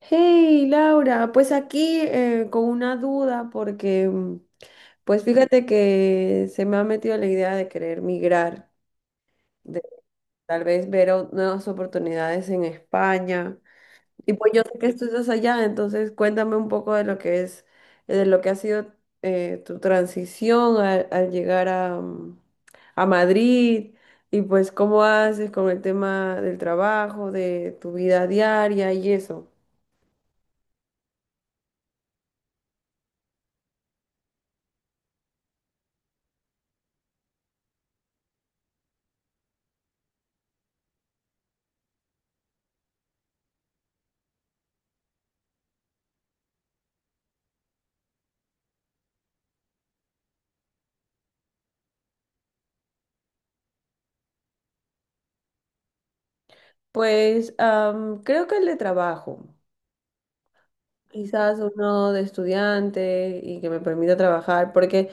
Hey Laura, pues aquí con una duda porque pues fíjate que se me ha metido la idea de querer migrar, de tal vez nuevas oportunidades en España. Y pues yo sé que tú estás allá, entonces cuéntame un poco de lo que es, de lo que ha sido tu transición al llegar a Madrid, y pues cómo haces con el tema del trabajo, de tu vida diaria y eso. Pues creo que el de trabajo, quizás uno de estudiante y que me permita trabajar, porque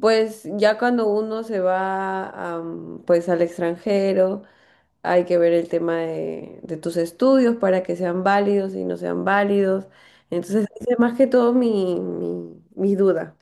pues ya cuando uno se va, pues al extranjero, hay que ver el tema de tus estudios para que sean válidos y no sean válidos. Entonces, esa es más que todo mi duda.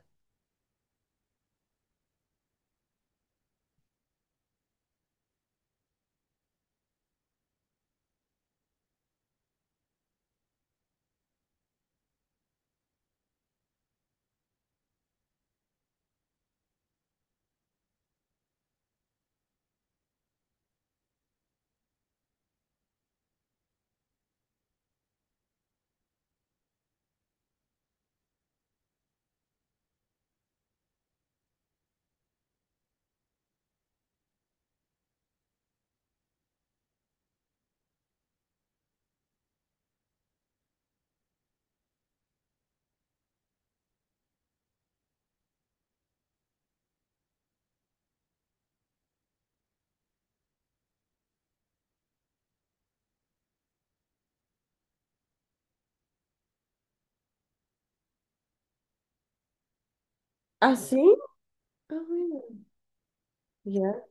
¿Ah, sí? Ah, bueno, ya.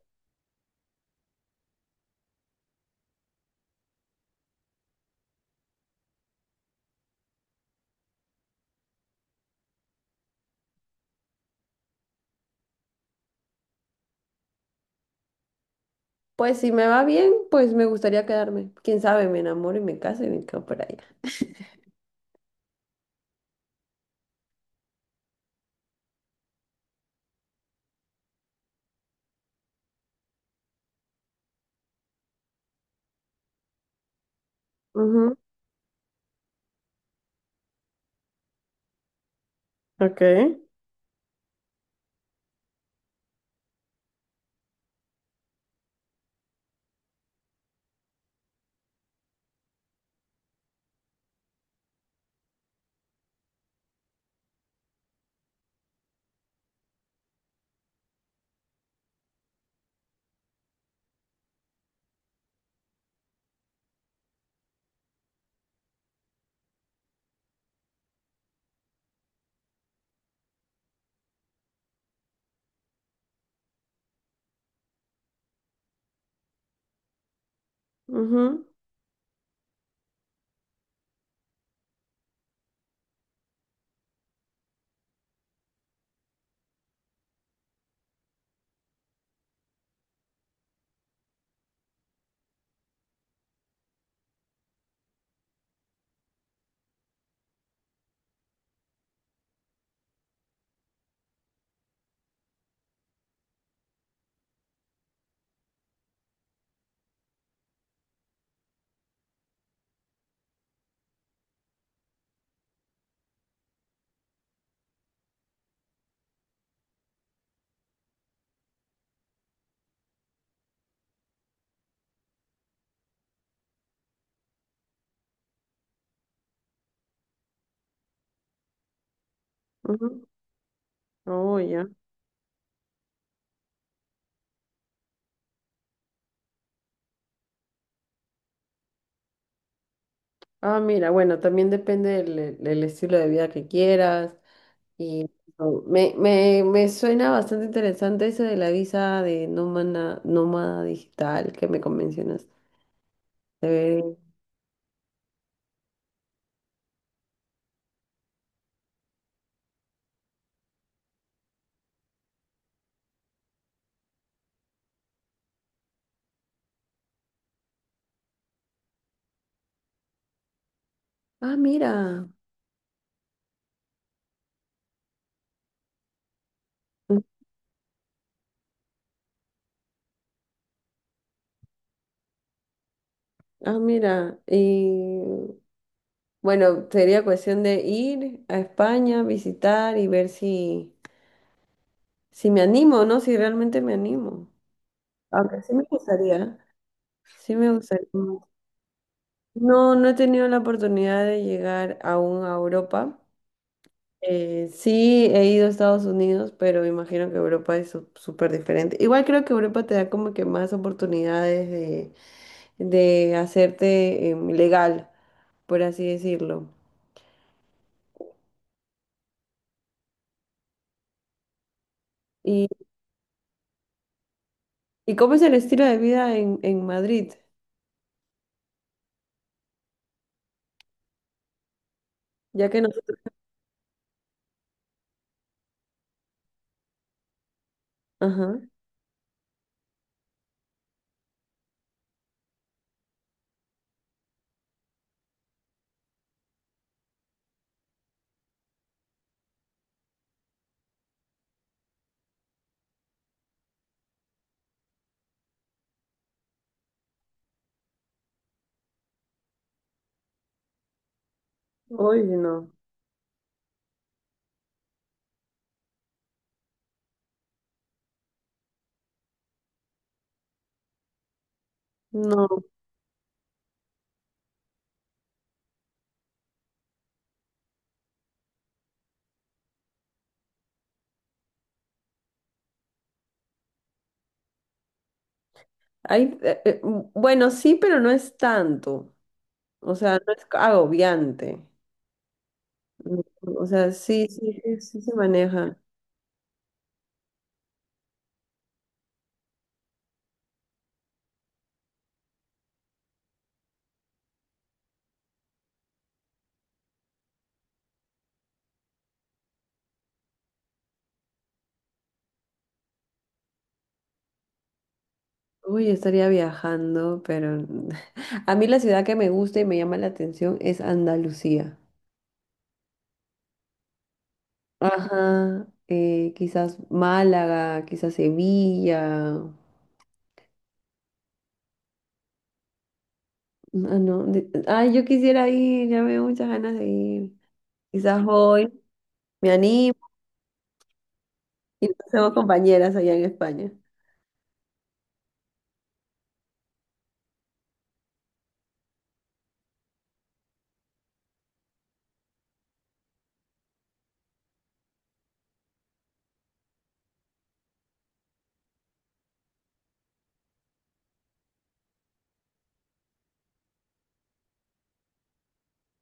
Pues si me va bien, pues me gustaría quedarme. Quién sabe, me enamoro y me caso y me quedo por allá. Ujú, ok. Ujú, ujú. Oh, ya. Ah, mira, bueno, también depende el estilo de vida que quieras. Y oh, me suena bastante interesante eso de la visa de nómada digital que me convencionas. Se ve- Ah, mira. Mm, ah, mira. Y bueno, sería cuestión de ir a España, visitar y ver si, si me animo, ¿no? Si realmente me animo. Aunque sí me gustaría. Sí me gustaría. No, no he tenido la oportunidad de llegar aún a Europa. Sí, he ido a Estados Unidos, pero me imagino que Europa es súper diferente. Igual creo que Europa te da como que más oportunidades de hacerte legal, por así decirlo. ¿Y, y cómo es el estilo de vida en Madrid? Ya que nosotros... Ajá. Uy, no. No. Hay, bueno, sí, pero no es tanto. O sea, no es agobiante. O sea, sí se maneja. Uy, estaría viajando, pero a mí la ciudad que me gusta y me llama la atención es Andalucía. Ajá, quizás Málaga, quizás Sevilla. Ah, no, ay, yo quisiera ir, ya me dio muchas ganas de ir. Quizás hoy me animo y nos hacemos compañeras allá en España.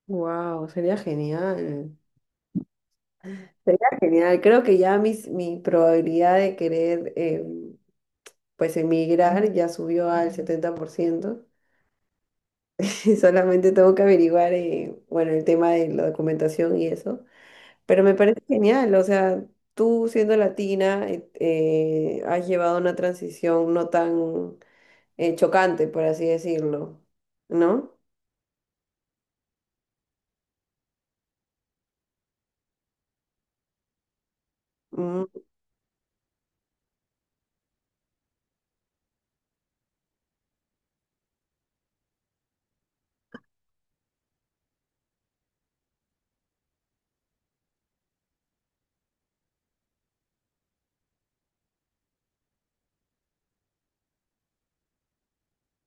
Wow, sería genial. Sería genial. Creo que ya mi probabilidad de querer pues en migrar ya subió al 70% y solamente tengo que averiguar, bueno, el tema de la documentación y eso, pero me parece genial. O sea, tú siendo latina, has llevado una transición no tan chocante, por así decirlo, ¿no? Mm,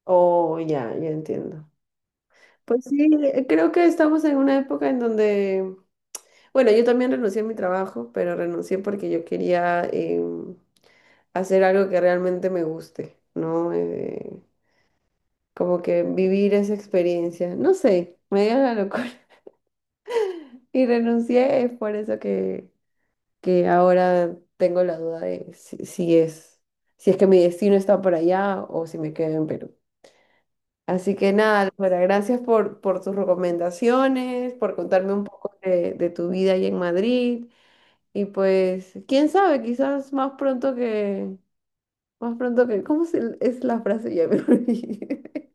oh, ya, ya entiendo. Pues sí, creo que estamos en una época en donde, bueno, yo también renuncié a mi trabajo, pero renuncié porque yo quería... hacer algo que realmente me guste, ¿no? Como que vivir esa experiencia, no sé, me dio la locura y renuncié, es por eso que ahora tengo la duda de si, si es, si es que mi destino está por allá o si me quedo en Perú. Así que nada, Laura, gracias por tus recomendaciones, por contarme un poco de tu vida ahí en Madrid. Y pues, quién sabe, quizás más pronto que, ¿cómo es la frase? Ya me olvidé.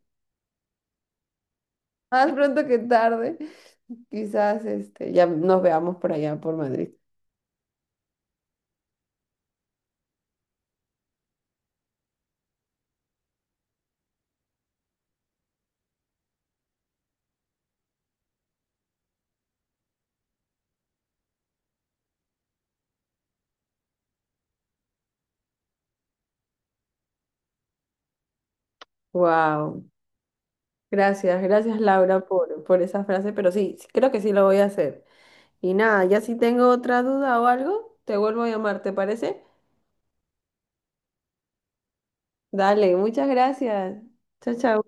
Más pronto que tarde. Quizás este, ya nos veamos por allá, por Madrid. Wow. Gracias, gracias Laura por esa frase, pero sí, sí, creo que sí lo voy a hacer. Y nada, ya si tengo otra duda o algo, te vuelvo a llamar, ¿te parece? Dale, muchas gracias. Chao, chao.